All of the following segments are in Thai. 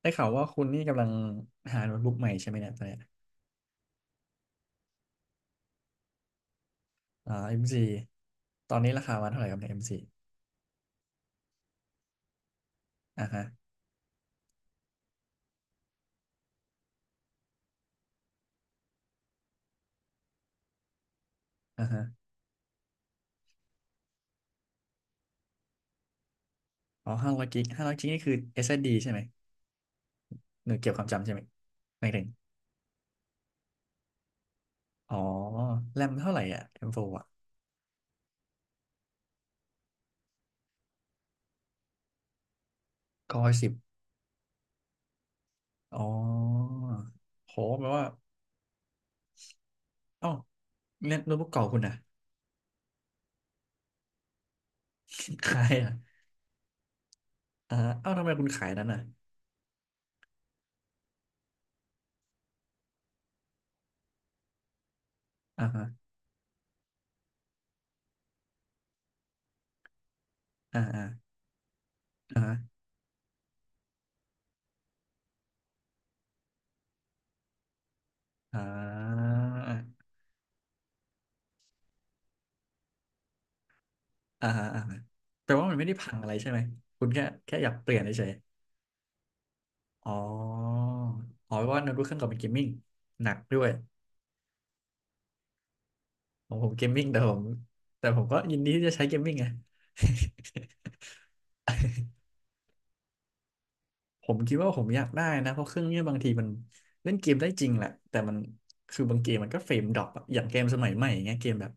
ได้ข่าวว่าคุณนี่กำลังหาโน้ตบุ๊กใหม่ใช่ไหมเนี่ยตอนเนี้ยอ่า M4 ตอนนี้ราคามันเท่าไหร่ครับใน M4 อมซีอ่าฮะอ่าฮะอ๋อห้าร้อยกิกนี่คือ SSD ใช่ไหมหน่วยเกี่ยวความจำใช่ไหมไม่ถึงอ๋อแรมเท่าไหร่อ่ะ M4 อมโฟร์อ่ะก็10อ๋อโหแปลว่าเอ้าเนี่ยโน้ตบุ๊กเก่าคุณนะ ขายอ่ะอ่าเอ้าทำไมคุณขายนั้นอ่ะอ่าฮะอ่าอ่าอ่าฮะอ่า อ่าฮะอ่าฮะแต่ว่ามันไม่ได้พังอะไรใช่ไหมคุณแค่อยากเปลี่ยนเฉยๆอ๋ออ๋อเพราะว่าโน้ตบุ๊กเครื่องเก่าเป็นเกมมิ่งหนักด้วยของผมเกมมิ่งแต่ผมก็ยินดีที่จะใช้เกมมิ่งไง ผมคิดว่าผมอยากได้นะเพราะเครื่องเนี้ยบางทีมันเล่นเกมได้จริงแหละแต่มันคือบางเกมมันก็เฟรมดรอปอะอย่างเกมสมัยใหม่อย่างเงี้ยเกมแบบ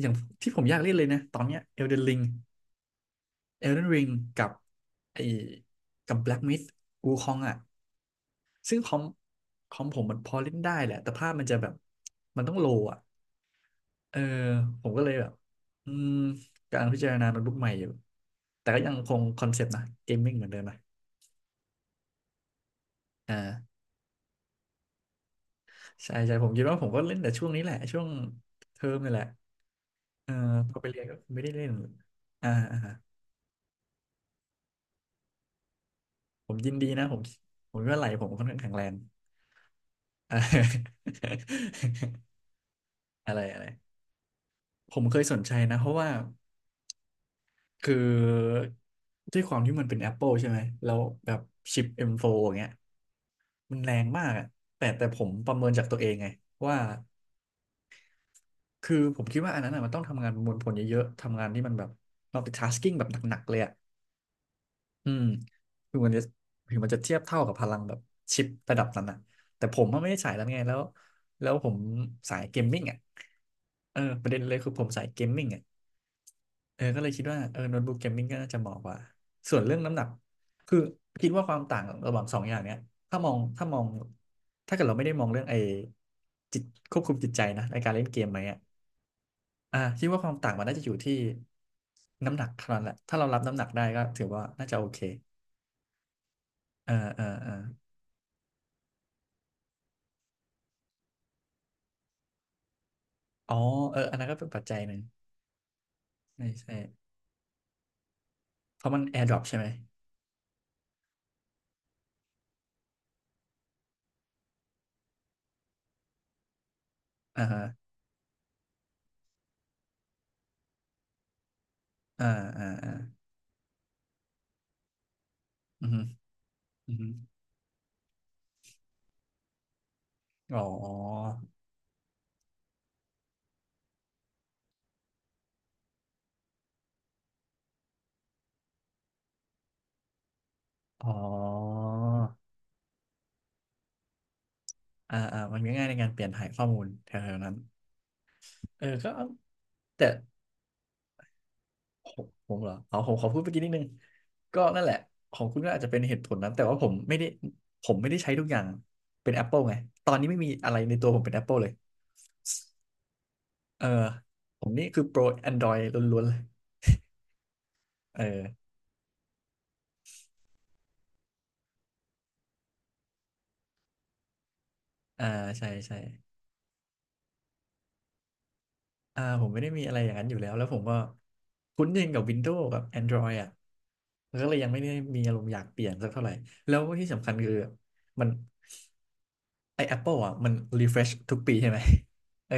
อย่างที่ผมอยากเล่นเลยนะตอนเนี้ย Elden Ring กับไอ้กับ Black Myth วูคองอะ ซึ่งคอมผมมันพอเล่นได้แหละแต่ภาพมันจะแบบมันต้องโลอ่ะเออผมก็เลยแบบอืมกำลังพิจารณาโน้ตบุ๊กใหม่อยู่แต่ก็ยังคงคอนเซปต์นะเกมมิ่งเหมือนเดิมนะอ่าใช่ใช่ผมคิดว่าผมก็เล่นแต่ช่วงนี้แหละช่วงเทอมนี่แหละเออพอไปเรียนก็ไม่ได้เล่นอ่าอ่าผมยินดีนะผมผมว่าไหลผมค่อนข้างแข็งแรง อ่า อะไรอะไรผมเคยสนใจนะเพราะว่า คือด้วยความที่มันเป็น Apple ใช่ไหม แล้วแบบชิป M4 อมโฟร์อย่างเงี้ยมันแรงมากอะแต่ผมประเมินจากตัวเองไงว่าคือผมคิดว่าอันนั้นอะมันต้องทำงานประมวลผลเยอะๆ ทำงานที่มันแบบ multitasking แบบหนักๆเลยอะอืมคือมันจะถึงมันจะเทียบเท่ากับพลังแบบชิประดับนั้นอะแต่ผมอะไม่ได้สายนั้นไงแล้วแล้วผมสายเกมมิ่งอะเออประเด็นเลยคือผมสายเกมมิ่งอะ เออก็เลยคิดว่าเออโน้ตบุ๊กเกมมิ่งก็น่าจะเหมาะกว่าส่วนเรื่องน้ำหนักคือคิดว่าความต่างระหว่างสองอย่างเนี้ยถ้ามองถ้าเกิดเราไม่ได้มองเรื่องไอ้จิตควบคุมจิตใจนะในการเล่นเกมไหมอ่ะอ่าคิดว่าความต่างมันน่าจะอยู่ที่น้ำหนักเท่านั้นแหละถ้าเรารับน้ำหนักได้ก็ถือว่าน่าจะโอเคเออเออเอออ๋อเอออันนั้นก็เป็นปัจจัยหนึ่งใช่ใช่เพราะมันแอร์ดรอปใช่ไหมอ่าฮะอ่าอ่าอ่าอือฮึอือฮึอ๋ออ๋อ อ่าอ่ามันก็ง่ายในการเปลี่ยนถ่ายข้อมูลแถวๆนั้นเออก็เอาแต่ผมเหรอเอาผมขอพูดเมื่อกี้นิดนึงก็นั่นแหละของคุณก็อาจจะเป็นเหตุผลนั้นแต่ว่าผมไม่ได้ใช้ทุกอย่างเป็น Apple ไงตอนนี้ไม่มีอะไรในตัวผมเป็น Apple เลยเออผมนี่คือโปร Android ล้วนๆเลยเอออ่าใช่ใช่อ่าผมไม่ได้มีอะไรอย่างนั้นอยู่แล้วแล้วผมก็คุ้นชินกับ Windows กับ Android อ่ะแล้วก็เลยยังไม่ได้มีอารมณ์อยากเปลี่ยนสักเท่าไหร่แล้วที่สำคัญคือมัน ไอ้ Apple อ่ะมัน refresh ทุกปีใช่ไหม เออ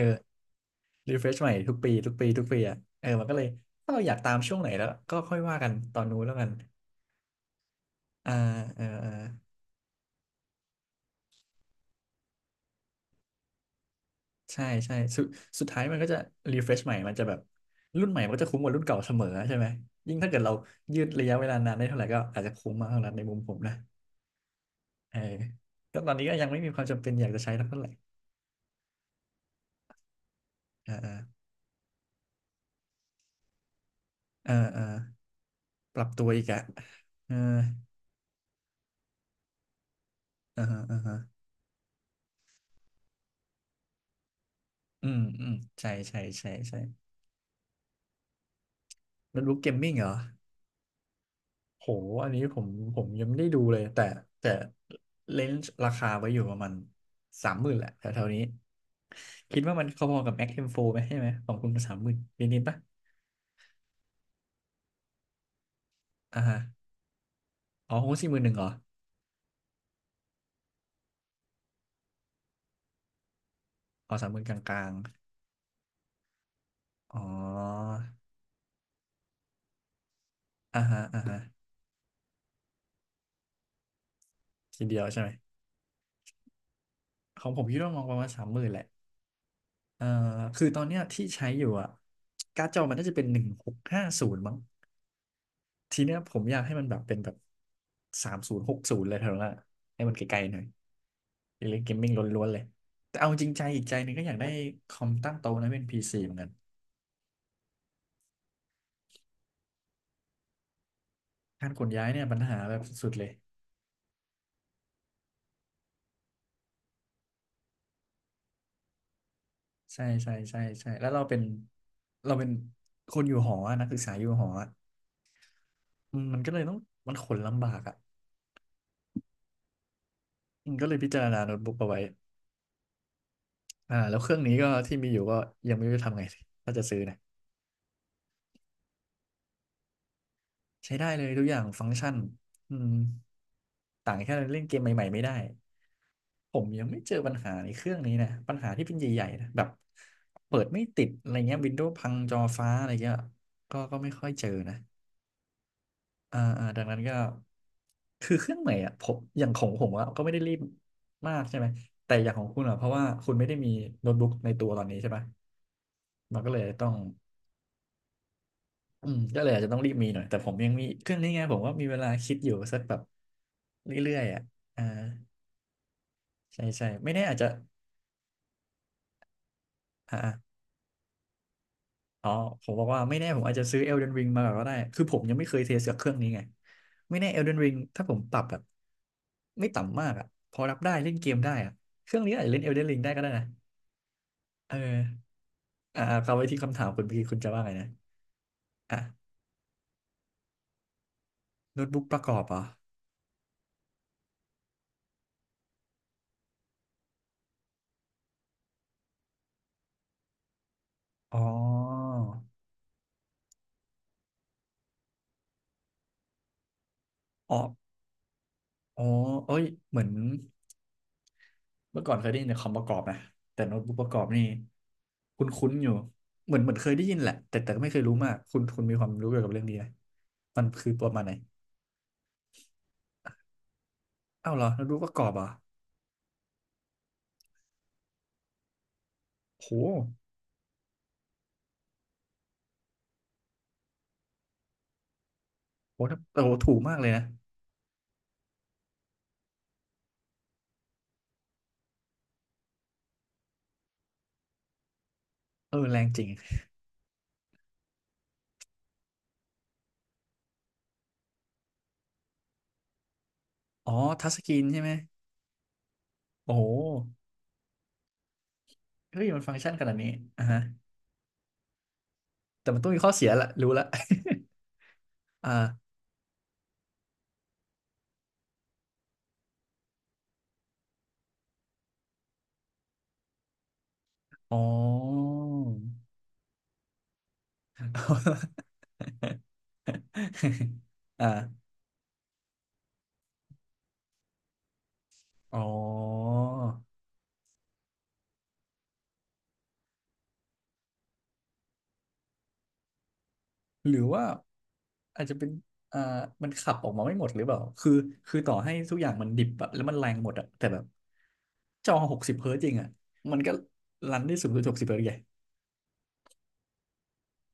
refresh ใหม่ทุกปีอ่ะเออมันก็เลยถ้าเราอยากตามช่วงไหนแล้วก็ค่อยว่ากันตอนนู้นแล้วกันอ่าเออเออใช่ใช่สุดท้ายมันก็จะ refresh ใหม่มันจะแบบรุ่นใหม่มันก็จะคุ้มกว่ารุ่นเก่าเสมอใช่ไหมยิ่งถ้าเกิดเรายืดระยะเวลานานได้เท่าไหร่ก็อาจจะคุ้มมากเท่านั้นในมุมผมนะเออก็ตอนนี้ก็ยังไม่มีความจำเป็นอยากจะใช้เท่าไหร่อ่าอ่าอ่าอ่าปรับตัวอีกอะเอออ่าฮะอ่าฮะอืมอืมใช่ใช่ใช่ใช่ โน้ตบุ๊กเกมมิ่งเหรอ โหอันนี้ผมผมยังไม่ได้ดูเลยแต่เลนส์ราคาไว้อยู่ประมาณสามหมื่นแหละแถวๆนี้ คิดว่ามันพอๆกับ Mac M4 ไหม ใช่ไหมของคุณสามหมื่นนิดๆปะอ่าฮะ อ๋อคง41,000เหรอ อ๋อสามหมื่นกลางๆ อ๋ออ่าฮะอ่าฮะทีเดียวใช่ไหมของผมคิดว่ามองประมาณสามหมื่นแหละเอ่อคือตอนเนี้ยที่ใช้อยู่อะการ์ดจอมันน่าจะเป็น1650มั้ง ทีเนี้ยผมอยากให้มันแบบเป็นแบบสามศูนย์หกศูนย์เลยเท่านั้นอะให้มันไกลๆหน่อยเล่นเกมมิ่งล้วนๆเลยแต่เอาจริงใจอีกใจหนึงก็อยากได้คอมตั้งโต๊ะนะเป็นพีซีเหมือนกันการขนย้ายเนี่ยปัญหาแบบสุดๆเลยใช่ใช่ใช่ใช่แล้วเราเป็นคนอยู่หออะนักศึกษาอยู่หออะอืมมันก็เลยต้องมันขนลำบากอ่ะอืมก็เลยพิจารณาโน้ตบุ๊กเอาไว้อ่าแล้วเครื่องนี้ก็ที่มีอยู่ก็ยังไม่รู้จะทำไงดีถ้าจะซื้อนะ ใช้ได้เลยทุกอย่างฟังก์ชันอืมต่างแค่เล่นเกมใหม่ๆไม่ได้ผมยังไม่เจอปัญหาในเครื่องนี้นะปัญหาที่เป็นใหญ่ๆนะแบบเปิดไม่ติดอะไรเงี้ยวินโดว์พังจอฟ้าอะไรเงี้ยก็ไม่ค่อยเจอนะอ่าอ่าดังนั้นก็คือเครื่องใหม่อ่ะผมอย่างของผมอะก็ไม่ได้รีบมากใช่ไหมแต่อย่างของคุณอ่ะเพราะว่าคุณไม่ได้มีโน้ตบุ๊กในตัวตอนนี้ใช่ปะมันก็เลยต้อง อืมก็เลยอาจจะต้องรีบมีหน่อยแต่ผมยังมีเครื่องนี้ไงผมว่ามีเวลาคิดอยู่สักแบบเรื่อยๆอ่ะอ่าใช่ใช่ไม่แน่อาจจะอ่าอะอ๋อผมบอกว่าไม่แน่ผมอาจจะซื้อ Elden Ring มาก่อนก็ได้คือผมยังไม่เคยเทสกับเครื่องนี้ไงไม่แน่ Elden Ring ถ้าผมปรับแบบไม่ต่ำมากอ่ะพอรับได้เล่นเกมได้อ่ะเครื่องนี้อาจจะเล่น Elden Ring ได้ก็ได้นะเอออ่าเอาไปที่คำถามคุณเมื่อกี้คุณจะว่าไงนะอ่ะโน้ตบุ๊กประกอบเหรออ๋ออ๋ออ๋อเอ้ยเหมือน เมื่อก่อนเคยได้ยินแต่คอมประกอบนะแต่โน้ตบุ๊กประกอบนี่คุ้นๆอยู่เหมือนเหมือนเคยได้ยินแหละแต่ก็ไม่เคยรู้มากคุณมีความรู้เกี่ยวกับเรื่องนี้ไหมมันคือประมาณไหนอ้าวเหรอโน้ตบุ๊กประกอบเหรอ่ะโหโหถ้าโอ้โหถูกมากเลยนะเออแรงจริงอ๋อทัชสกรีนใช่ไหมโอ้โหเฮ้ยมันฟังก์ชันขนาดนี้อ่ะฮะแต่มันต้องมีข้อเสียแหละรู้ละ อ่าอ๋อ อ่าอ๋อ หรือว่าอาจจะเป็นอ่ามันขับออกมาไม่หมดหรือเปล่าคือต่อให้ทุกอย่างมันดิบอะแล้วมันแรงหมดอะแต่แบบจอหกสิบเฮิร์ตจริงอะมันก็รันได้สูงสุดหกสิบเฮิร์ตไง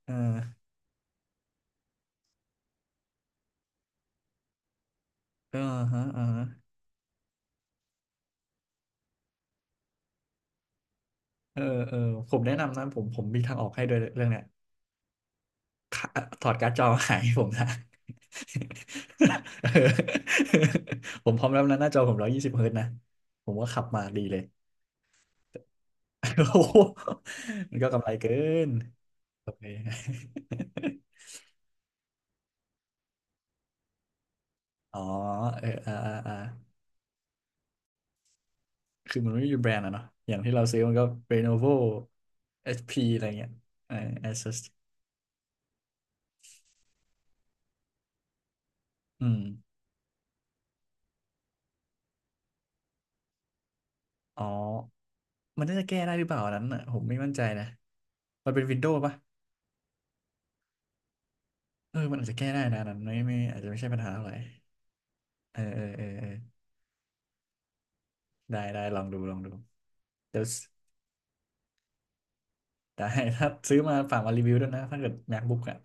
เออเออฮะเออฮะเออเออผมแนะนำนะผมมีทางออกให้ด้วยเรื่องเนี้ยขาถอดการ์ดจอมาขายให้ผมนะ เออผมพร้อมรับนะหน้าจอผม120 เฮิร์ตนะผมว่าขับมาดีเลย โอ้โหมันก็กำไรเกินโอเค อ๋อเอออ่าอ่าอ่าคือมันไม่มีแบรนด์อะเนาะอย่างที่เราซื้อมันก็ Lenovo HP อชพีอะไรเงี้ยเออ Asus อืมอ๋อ มันน่าจะแก้ได้หรือเปล่าอันนั้นอ่ะผมไม่มั่นใจนะมันเป็นวินโดว์ปะเออมันอาจจะแก้ได้นะอันนั้นไม่อาจจะไม่ใช่ปัญหาอะไรเออเออเออเออได้ได้ลองดูลองดูเดี๋ยวได้ ถ้าซื้อมาฝากมารีวิวด้วยนะถ้าเกิด MacBook อ่ะ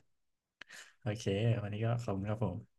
โอเควันนี้ก็ขอบคุณครับผม